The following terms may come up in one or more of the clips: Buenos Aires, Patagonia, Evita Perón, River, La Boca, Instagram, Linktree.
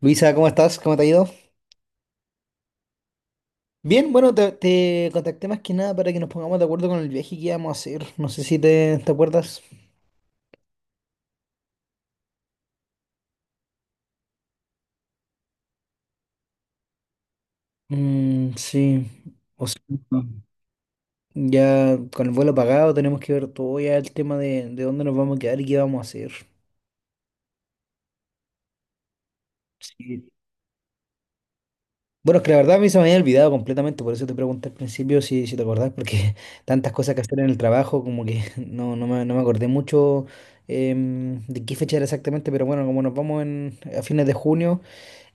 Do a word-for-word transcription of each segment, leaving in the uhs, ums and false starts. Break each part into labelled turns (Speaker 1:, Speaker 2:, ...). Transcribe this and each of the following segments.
Speaker 1: Luisa, ¿cómo estás? ¿Cómo te ha ido? Bien, bueno, te, te contacté más que nada para que nos pongamos de acuerdo con el viaje que íbamos a hacer. No sé si te, te acuerdas. Mm, sí, o sea, ya con el vuelo pagado tenemos que ver todo ya el tema de, de dónde nos vamos a quedar y qué vamos a hacer. Sí. Bueno, es que la verdad a mí se me había olvidado completamente, por eso te pregunté al principio si, si te acordás, porque tantas cosas que hacer en el trabajo, como que no, no me, no me acordé mucho em, de qué fecha era exactamente, pero bueno, como nos vamos en, a fines de junio.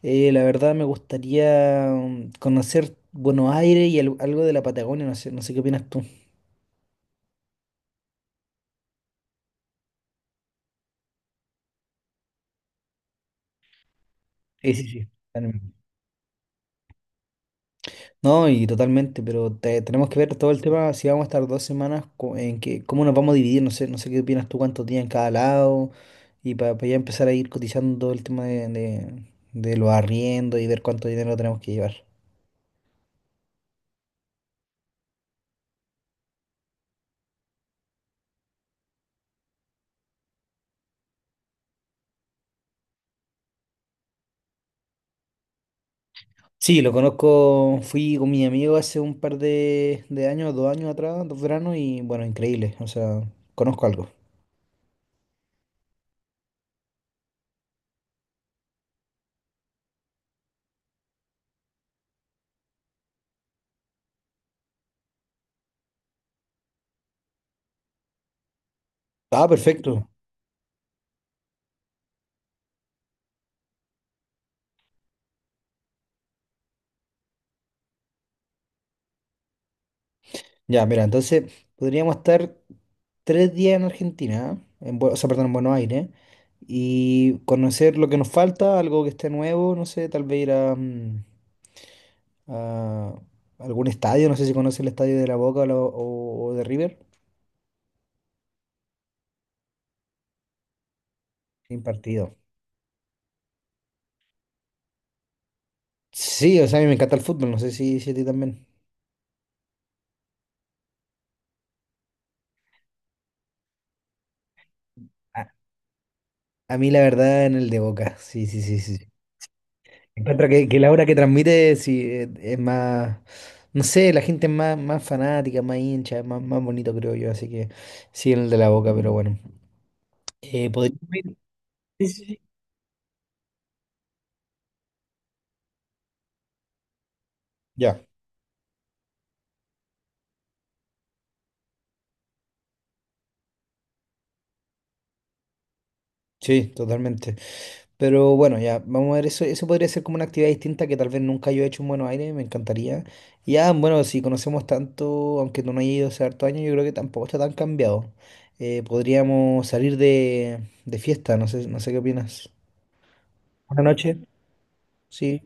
Speaker 1: Eh, la verdad me gustaría mm, conocer Buenos Aires y al- algo de la Patagonia, no sé, no sé qué opinas tú. Sí, sí, sí. Totalmente. No, y totalmente, pero te- tenemos que ver todo el tema, si vamos a estar dos semanas, co- en que, cómo nos vamos a dividir, no sé, no sé qué opinas tú, cuántos días en cada lado, y para ya empezar a ir cotizando todo el tema de, de, de los arriendos y ver cuánto dinero tenemos que llevar. Sí, lo conozco, fui con mi amigo hace un par de, de años, dos años atrás, dos veranos, y bueno, increíble, o sea, conozco algo. Ah, perfecto. Ya, mira, entonces podríamos estar tres días en Argentina, en, Bue- o sea, perdón, en Buenos Aires, y conocer lo que nos falta, algo que esté nuevo, no sé, tal vez ir a, mm, a algún estadio, no sé si conoces el estadio de La Boca o, la- o- o de River. Un partido. Sí, o sea, a mí me encanta el fútbol, no sé si, si a ti también. A, a mí la verdad en el de Boca, sí, sí, sí, sí. Encuentro que, que la obra que transmite sí, eh, es más, no sé, la gente es más, más fanática, más hincha, es más, más bonito creo yo, así que sí, en el de la boca, pero bueno. Eh, podríamos ir- Sí, sí, sí. Ya, sí, totalmente. Pero bueno, ya, vamos a ver, eso, eso podría ser como una actividad distinta que tal vez nunca yo he hecho en Buenos Aires, me encantaría. Y ya, bueno, si conocemos tanto, aunque tú no hayas ido hace harto años, yo creo que tampoco está tan cambiado. Eh, podríamos salir de, de fiesta, no sé, no sé qué opinas. Buenas noches, sí.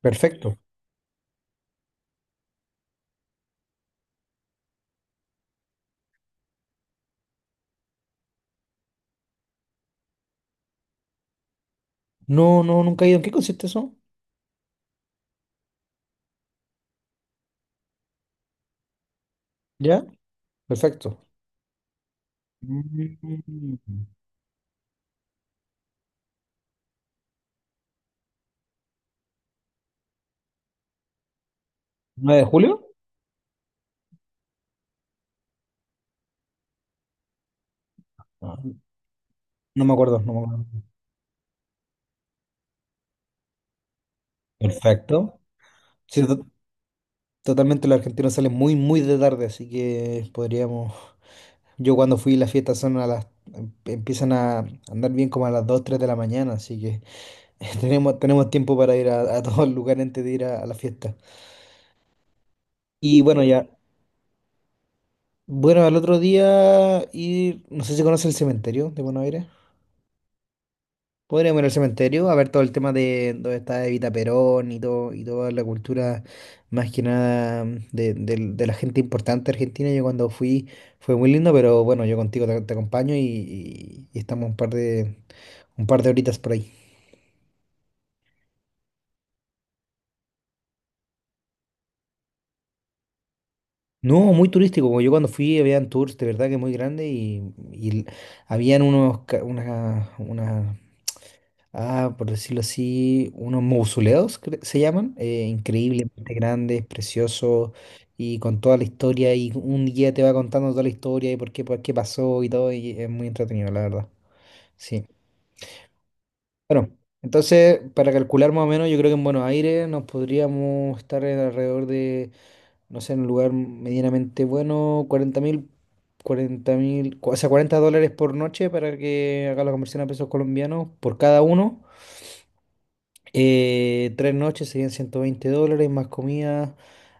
Speaker 1: Perfecto. No, no, nunca he ido. ¿En qué consiste eso? ¿Ya? Perfecto. Mm. ¿nueve de julio? Ah, no me acuerdo, no me acuerdo. Perfecto. Sí, to- Totalmente los argentinos salen muy, muy de tarde, así que podríamos... Yo cuando fui las fiestas son a las... em- Empiezan a andar bien como a las dos, tres de la mañana, así que tenemos, tenemos tiempo para ir a, a todos los lugares antes de ir a, a la fiesta. Y bueno, ya. Bueno, al otro día ir... No sé si conoce el cementerio de Buenos Aires. Podríamos ir al cementerio a ver todo el tema de dónde está Evita Perón y todo, y toda la cultura más que nada de, del- de la gente importante argentina. Yo cuando fui fue muy lindo, pero bueno, yo contigo te, te acompaño y, y- y estamos un par de un par de horitas por ahí. No, muy turístico, como yo cuando fui habían tours de verdad que muy grandes y, y l- habían unos ca- unas, unas ah, por decirlo así, unos mausoleos cre- se llaman, eh, increíblemente grandes, preciosos y con toda la historia y un guía te va contando toda la historia y por qué, por qué pasó y todo y es muy entretenido, la verdad. Sí. Bueno, entonces para calcular más o menos, yo creo que en Buenos Aires nos podríamos estar en alrededor de, no sé, en un lugar medianamente bueno, cuarenta mil, cuarenta mil, o sea, cuarenta dólares por noche para que haga la conversión a pesos colombianos por cada uno. Eh, tres noches serían ciento veinte dólares más comida.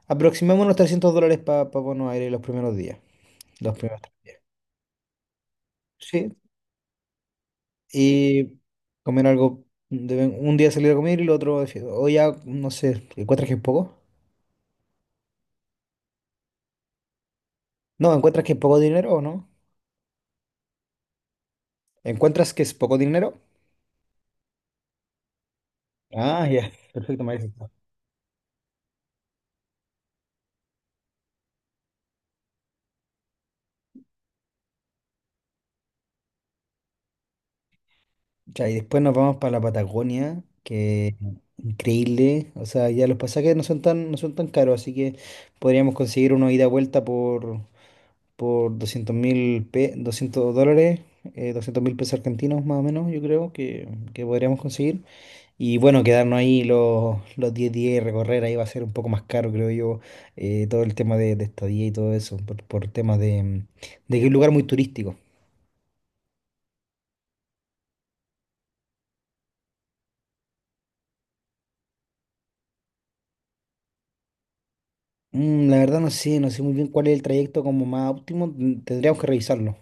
Speaker 1: Aproximémonos trescientos dólares para Buenos Aires los primeros días. Los primeros tres días. Sí. Y comer algo. Deben- un día salir a comer y el otro de fiesta. O ya, no sé, ¿encuentras que es poco? No, ¿encuentras que es poco dinero o no? ¿Encuentras que es poco dinero? Ah, ya. Perfecto, Marisa. Ya, y después nos vamos para la Patagonia, que increíble. O sea, ya los pasajes no son tan, no son tan caros, así que podríamos conseguir una ida y vuelta por por doscientos mil doscientos dólares, eh, doscientos mil pesos argentinos más o menos, yo creo que, que podríamos conseguir. Y bueno, quedarnos ahí los, los diez días y recorrer ahí va a ser un poco más caro, creo yo, eh, todo el tema de, de estadía y todo eso, por, por temas de, mm, de que es un lugar muy turístico. Mm, la verdad no sé, no sé muy bien cuál es el trayecto como más óptimo, mm, tendríamos que revisarlo.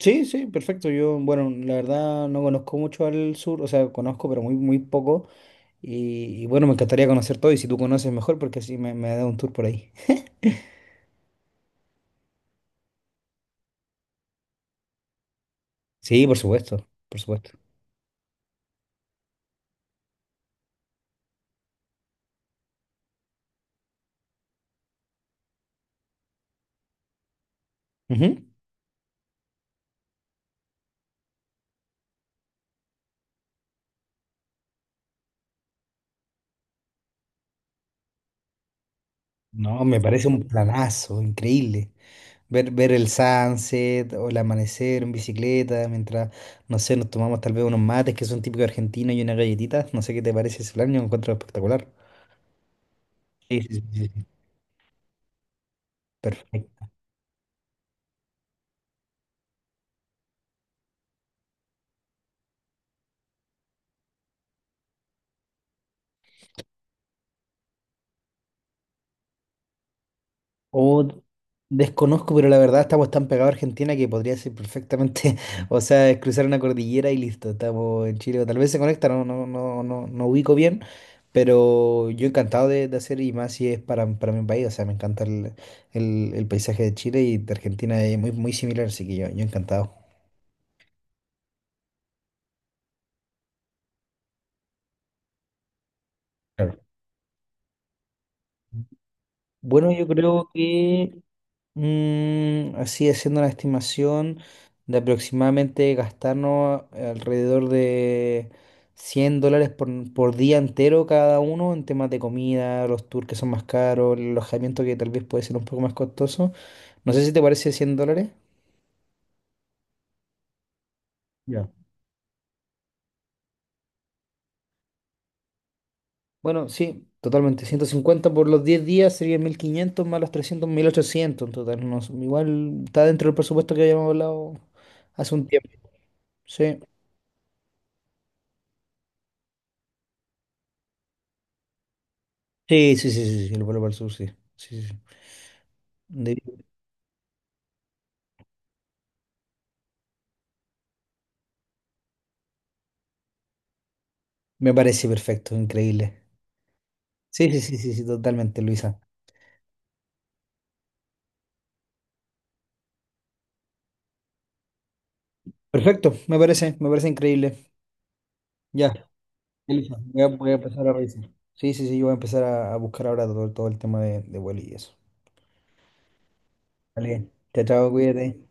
Speaker 1: Sí, sí, perfecto. Yo, bueno, la verdad no conozco mucho al sur, o sea, conozco, pero muy, muy poco. Y, y bueno, me encantaría conocer todo y si tú conoces mejor, porque así me, me da un tour por ahí. Sí, por supuesto, por supuesto. Ujú. No, me parece un planazo, increíble. Ver, ver el sunset o el amanecer en bicicleta, mientras, no sé, nos tomamos tal vez unos mates que son típicos argentinos y unas galletitas. No sé qué te parece ese plan, yo lo encuentro espectacular. Sí, sí, sí, sí. Perfecto. O desconozco, pero la verdad estamos tan pegados a Argentina que podría ser perfectamente, o sea, es cruzar una cordillera y listo, estamos en Chile, o tal vez se conecta, no, no, no, no, no ubico bien, pero yo encantado de, de hacer y más si es para, para mi país, o sea, me encanta el, el- el paisaje de Chile y de Argentina es muy, muy similar, así que yo, yo encantado. Claro. Bueno, yo creo que mm, así haciendo una estimación de aproximadamente gastarnos alrededor de cien dólares por, por día entero cada uno en temas de comida, los tours que son más caros, el alojamiento que tal vez puede ser un poco más costoso. No sé si te parece cien dólares. Ya. Bueno, sí, totalmente. Ciento cincuenta por los diez días serían mil quinientos más los trescientos, mil ochocientos en total. No, igual está dentro del presupuesto que habíamos hablado hace un tiempo. Sí. Sí, sí, sí, sí, sí, el vuelo para el sur, sí. Sí, sí, De- Me parece perfecto, increíble. Sí, sí, sí, sí, sí, totalmente, Luisa. Perfecto, me parece, me parece increíble. Ya, Elisa, voy a, voy a empezar a revisar. Sí, sí, sí, yo voy a empezar a, a buscar ahora todo, todo el tema de, de vuelo y eso. Vale, chao, chao, cuídate.